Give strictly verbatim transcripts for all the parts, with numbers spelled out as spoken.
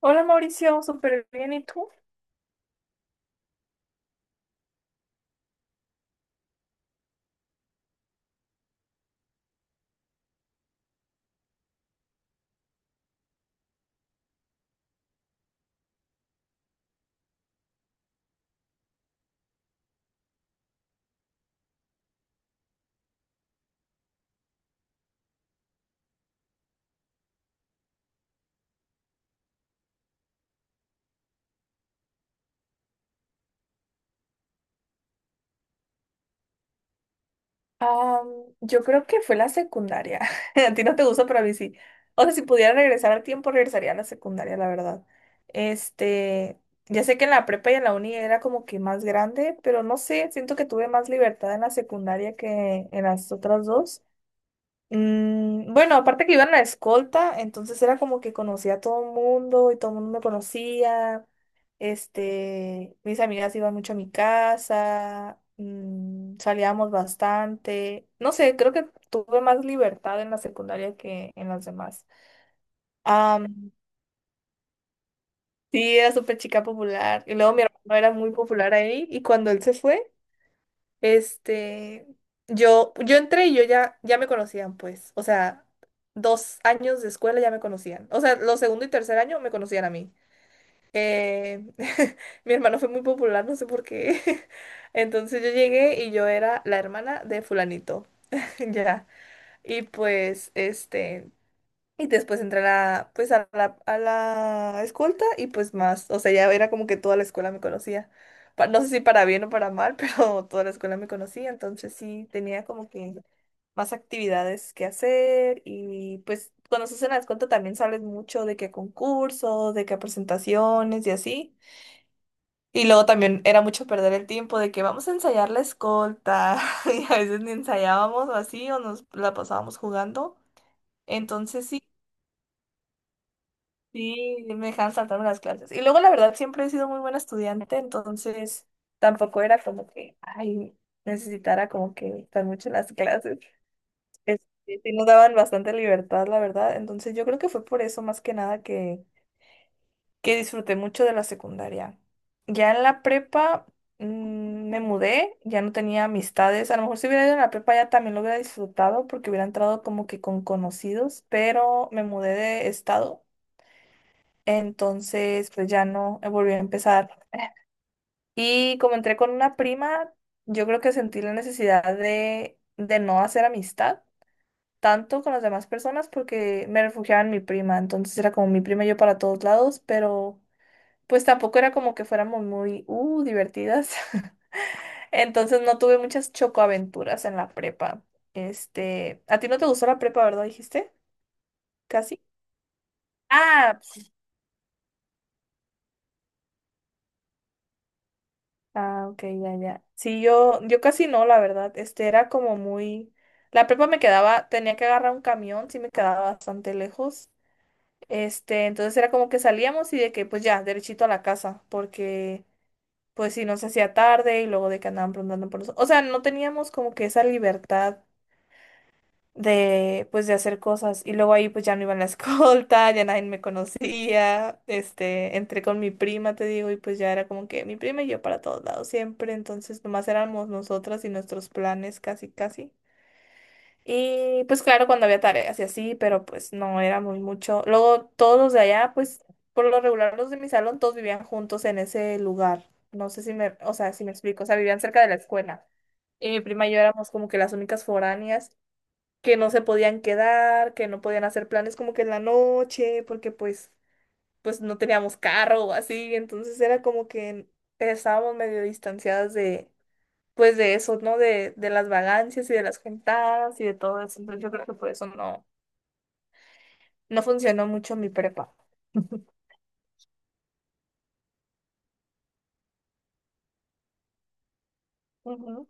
Hola Mauricio, súper bien. ¿Y tú? Am, yo creo que fue la secundaria. A ti no te gusta, pero a mí sí. O sea, si pudiera regresar al tiempo, regresaría a la secundaria, la verdad. Este, ya sé que en la prepa y en la uni era como que más grande, pero no sé, siento que tuve más libertad en la secundaria que en las otras dos. Mm, bueno, aparte que iba en la escolta, entonces era como que conocía a todo el mundo y todo el mundo me conocía. Este, mis amigas iban mucho a mi casa, mm, salíamos bastante. No sé, creo que tuve más libertad en la secundaria que en las demás. Am, sí, era súper chica popular. Y luego mi hermano era muy popular ahí y cuando él se fue. Este, yo, yo entré y yo ya, ya me conocían, pues. O sea, dos años de escuela ya me conocían. O sea, los segundo y tercer año me conocían a mí. Eh, Mi hermano fue muy popular, no sé por qué. Entonces yo llegué y yo era la hermana de fulanito. Ya. Y pues, este, y después entré a la, pues a la, a la escolta y pues más, o sea, ya era como que toda la escuela me conocía. Pa- No sé si para bien o para mal, pero toda la escuela me conocía, entonces sí tenía como que más actividades que hacer y pues cuando se hace la escolta también sales mucho de que a concursos, de que a presentaciones y así. Y luego también era mucho perder el tiempo de que vamos a ensayar la escolta y a veces ni ensayábamos o así o nos la pasábamos jugando. Entonces sí. Sí, me dejaban saltarme las clases. Y luego, la verdad, siempre he sido muy buena estudiante, entonces tampoco era como que, ay, necesitara como que estar mucho en las clases. Este, sí sí nos daban bastante libertad, la verdad. Entonces yo creo que fue por eso más que nada que, que disfruté mucho de la secundaria. Ya en la prepa mm, me mudé, ya no tenía amistades. A lo mejor si hubiera ido en la prepa ya también lo hubiera disfrutado porque hubiera entrado como que con conocidos, pero me mudé de estado. Entonces, pues ya no volví a empezar. Y como entré con una prima, yo creo que sentí la necesidad de, de no hacer amistad tanto con las demás personas porque me refugiaba en mi prima. Entonces era como mi prima y yo para todos lados, pero pues tampoco era como que fuéramos muy, uh, divertidas. Entonces no tuve muchas chocoaventuras en la prepa. Este, ¿a ti no te gustó la prepa, verdad? Dijiste, casi. Ah, ah, ok, ya, ya. Sí, yo, yo casi no, la verdad. Este era como muy. La prepa me quedaba, tenía que agarrar un camión, sí me quedaba bastante lejos. Este, entonces era como que salíamos y de que, pues ya, derechito a la casa, porque, pues sí, nos hacía tarde y luego de que andaban preguntando por nosotros. O sea, no teníamos como que esa libertad de pues de hacer cosas y luego ahí pues ya no iba en la escolta, ya nadie me conocía, este, entré con mi prima, te digo, y pues ya era como que mi prima y yo para todos lados siempre, entonces nomás éramos nosotras y nuestros planes casi casi. Y pues claro, cuando había tareas y así, pero pues no era muy mucho. Luego todos los de allá, pues por lo regular los de mi salón, todos vivían juntos en ese lugar. No sé si me, o sea, si me explico, o sea, vivían cerca de la escuela. Y mi prima y yo éramos como que las únicas foráneas que no se podían quedar, que no podían hacer planes como que en la noche, porque pues, pues no teníamos carro o así, entonces era como que estábamos medio distanciadas de, pues de eso, ¿no? De, de las vagancias y de las juntadas y de todo eso, entonces yo creo que por eso no, no funcionó mucho mi prepa. Ujú.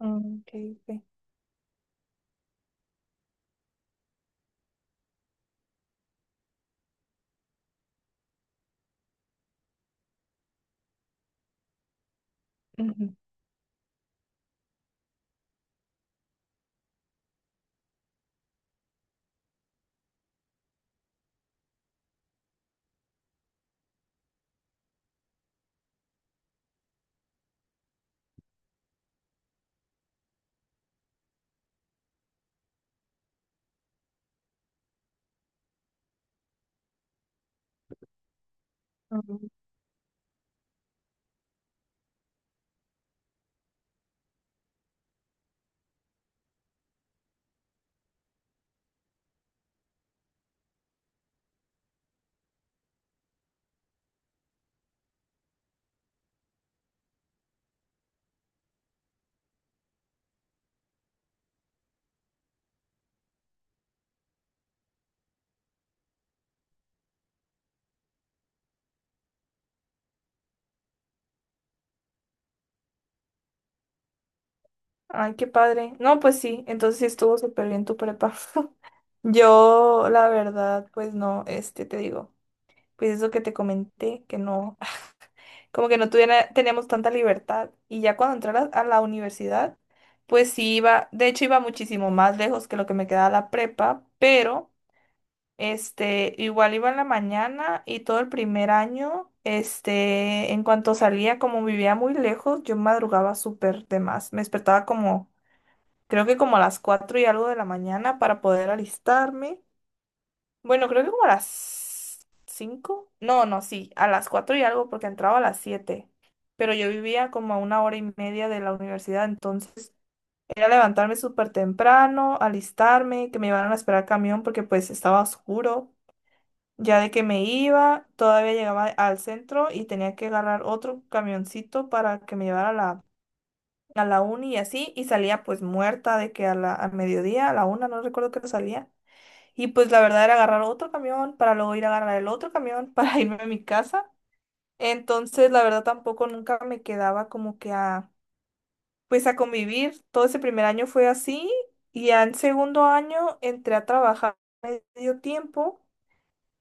Mm, ok, ok. Ujú, ujú. Ay, qué padre. No, pues sí, entonces sí estuvo súper bien tu prepa. Yo, la verdad, pues no, este, te digo. Pues eso que te comenté, que no, como que no tuviera, teníamos tanta libertad. Y ya cuando entré a la, a la, universidad, pues sí iba, de hecho iba muchísimo más lejos que lo que me quedaba la prepa, pero este, igual iba en la mañana y todo el primer año, este, en cuanto salía, como vivía muy lejos, yo madrugaba súper de más. Me despertaba como, creo que como a las cuatro y algo de la mañana para poder alistarme. Bueno, creo que como a las cinco. No, no, sí, a las cuatro y algo porque entraba a las siete. Pero yo vivía como a una hora y media de la universidad, entonces era levantarme súper temprano, alistarme, que me iban a esperar camión porque pues estaba oscuro. Ya de que me iba, todavía llegaba al centro y tenía que agarrar otro camioncito para que me llevara a la, a la uni y así, y salía pues muerta de que a la, a mediodía, a la una, no recuerdo que salía. Y pues la verdad era agarrar otro camión para luego ir a agarrar el otro camión para irme a mi casa. Entonces la verdad tampoco nunca me quedaba como que a, pues a convivir. Todo ese primer año fue así y ya en segundo año entré a trabajar medio tiempo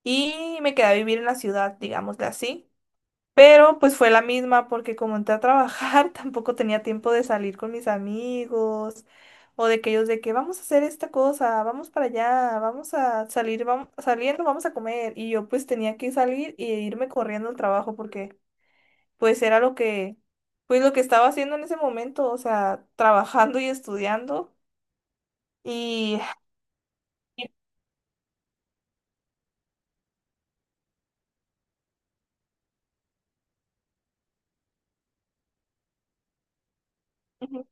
y me quedé a vivir en la ciudad, digámosle así. Pero pues fue la misma porque como entré a trabajar, tampoco tenía tiempo de salir con mis amigos o de que ellos de que vamos a hacer esta cosa, vamos para allá, vamos a salir, vamos saliendo, vamos a comer. Y yo pues tenía que salir y irme corriendo al trabajo porque pues era lo que, pues lo que estaba haciendo en ese momento, o sea, trabajando y estudiando. Y... y- ujú,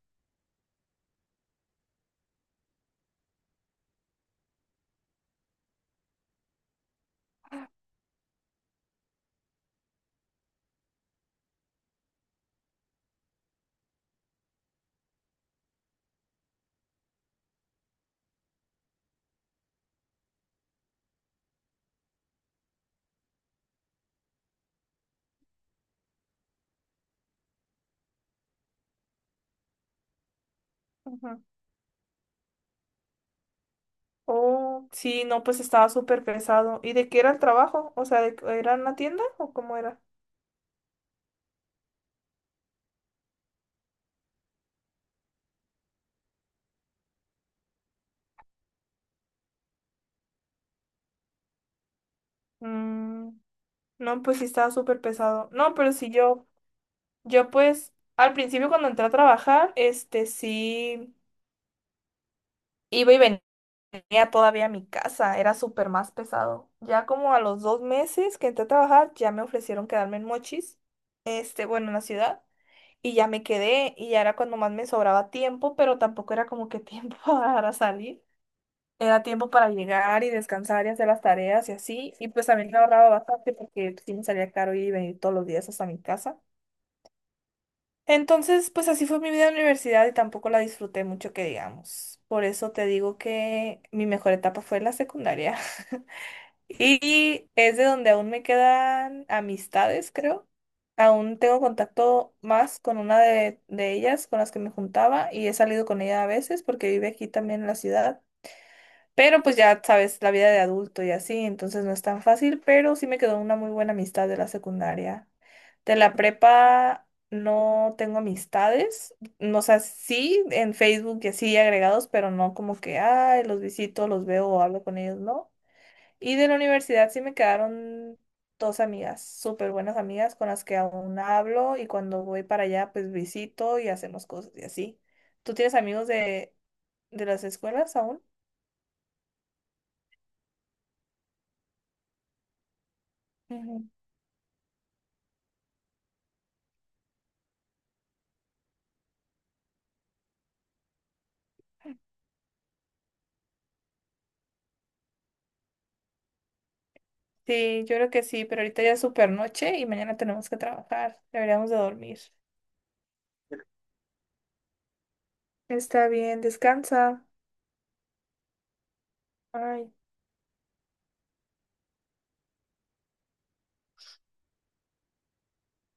ujú. Oh, sí, no, pues estaba súper pesado. ¿Y de qué era el trabajo? O sea, de- ¿era en la tienda o cómo era? Mm, no, pues sí estaba súper pesado. No, pero sí yo, yo, pues al principio cuando entré a trabajar, este sí iba y venía todavía a mi casa, era súper más pesado. Ya como a los dos meses que entré a trabajar, ya me ofrecieron quedarme en Mochis, este, bueno, en la ciudad, y ya me quedé y ya era cuando más me sobraba tiempo, pero tampoco era como que tiempo para salir. Era tiempo para llegar y descansar y hacer las tareas y así. Y pues también me ahorraba bastante porque sí me salía caro ir y venir todos los días hasta mi casa. Entonces, pues así fue mi vida en la universidad y tampoco la disfruté mucho, que digamos. Por eso te digo que mi mejor etapa fue la secundaria. Y es de donde aún me quedan amistades, creo. Aún tengo contacto más con una de, de, ellas con las que me juntaba y he salido con ella a veces porque vive aquí también en la ciudad. Pero pues ya sabes, la vida de adulto y así, entonces no es tan fácil, pero sí me quedó una muy buena amistad de la secundaria. De la prepa no tengo amistades, no, o sea, sí en Facebook y así agregados, pero no como que, ay, los visito, los veo o hablo con ellos, no. Y de la universidad sí me quedaron dos amigas, súper buenas amigas con las que aún hablo y cuando voy para allá pues visito y hacemos cosas y así. ¿Tú tienes amigos de, de, las escuelas aún? Sí, yo creo que sí, pero ahorita ya es super noche y mañana tenemos que trabajar. Deberíamos de dormir. Está bien, descansa. Bye.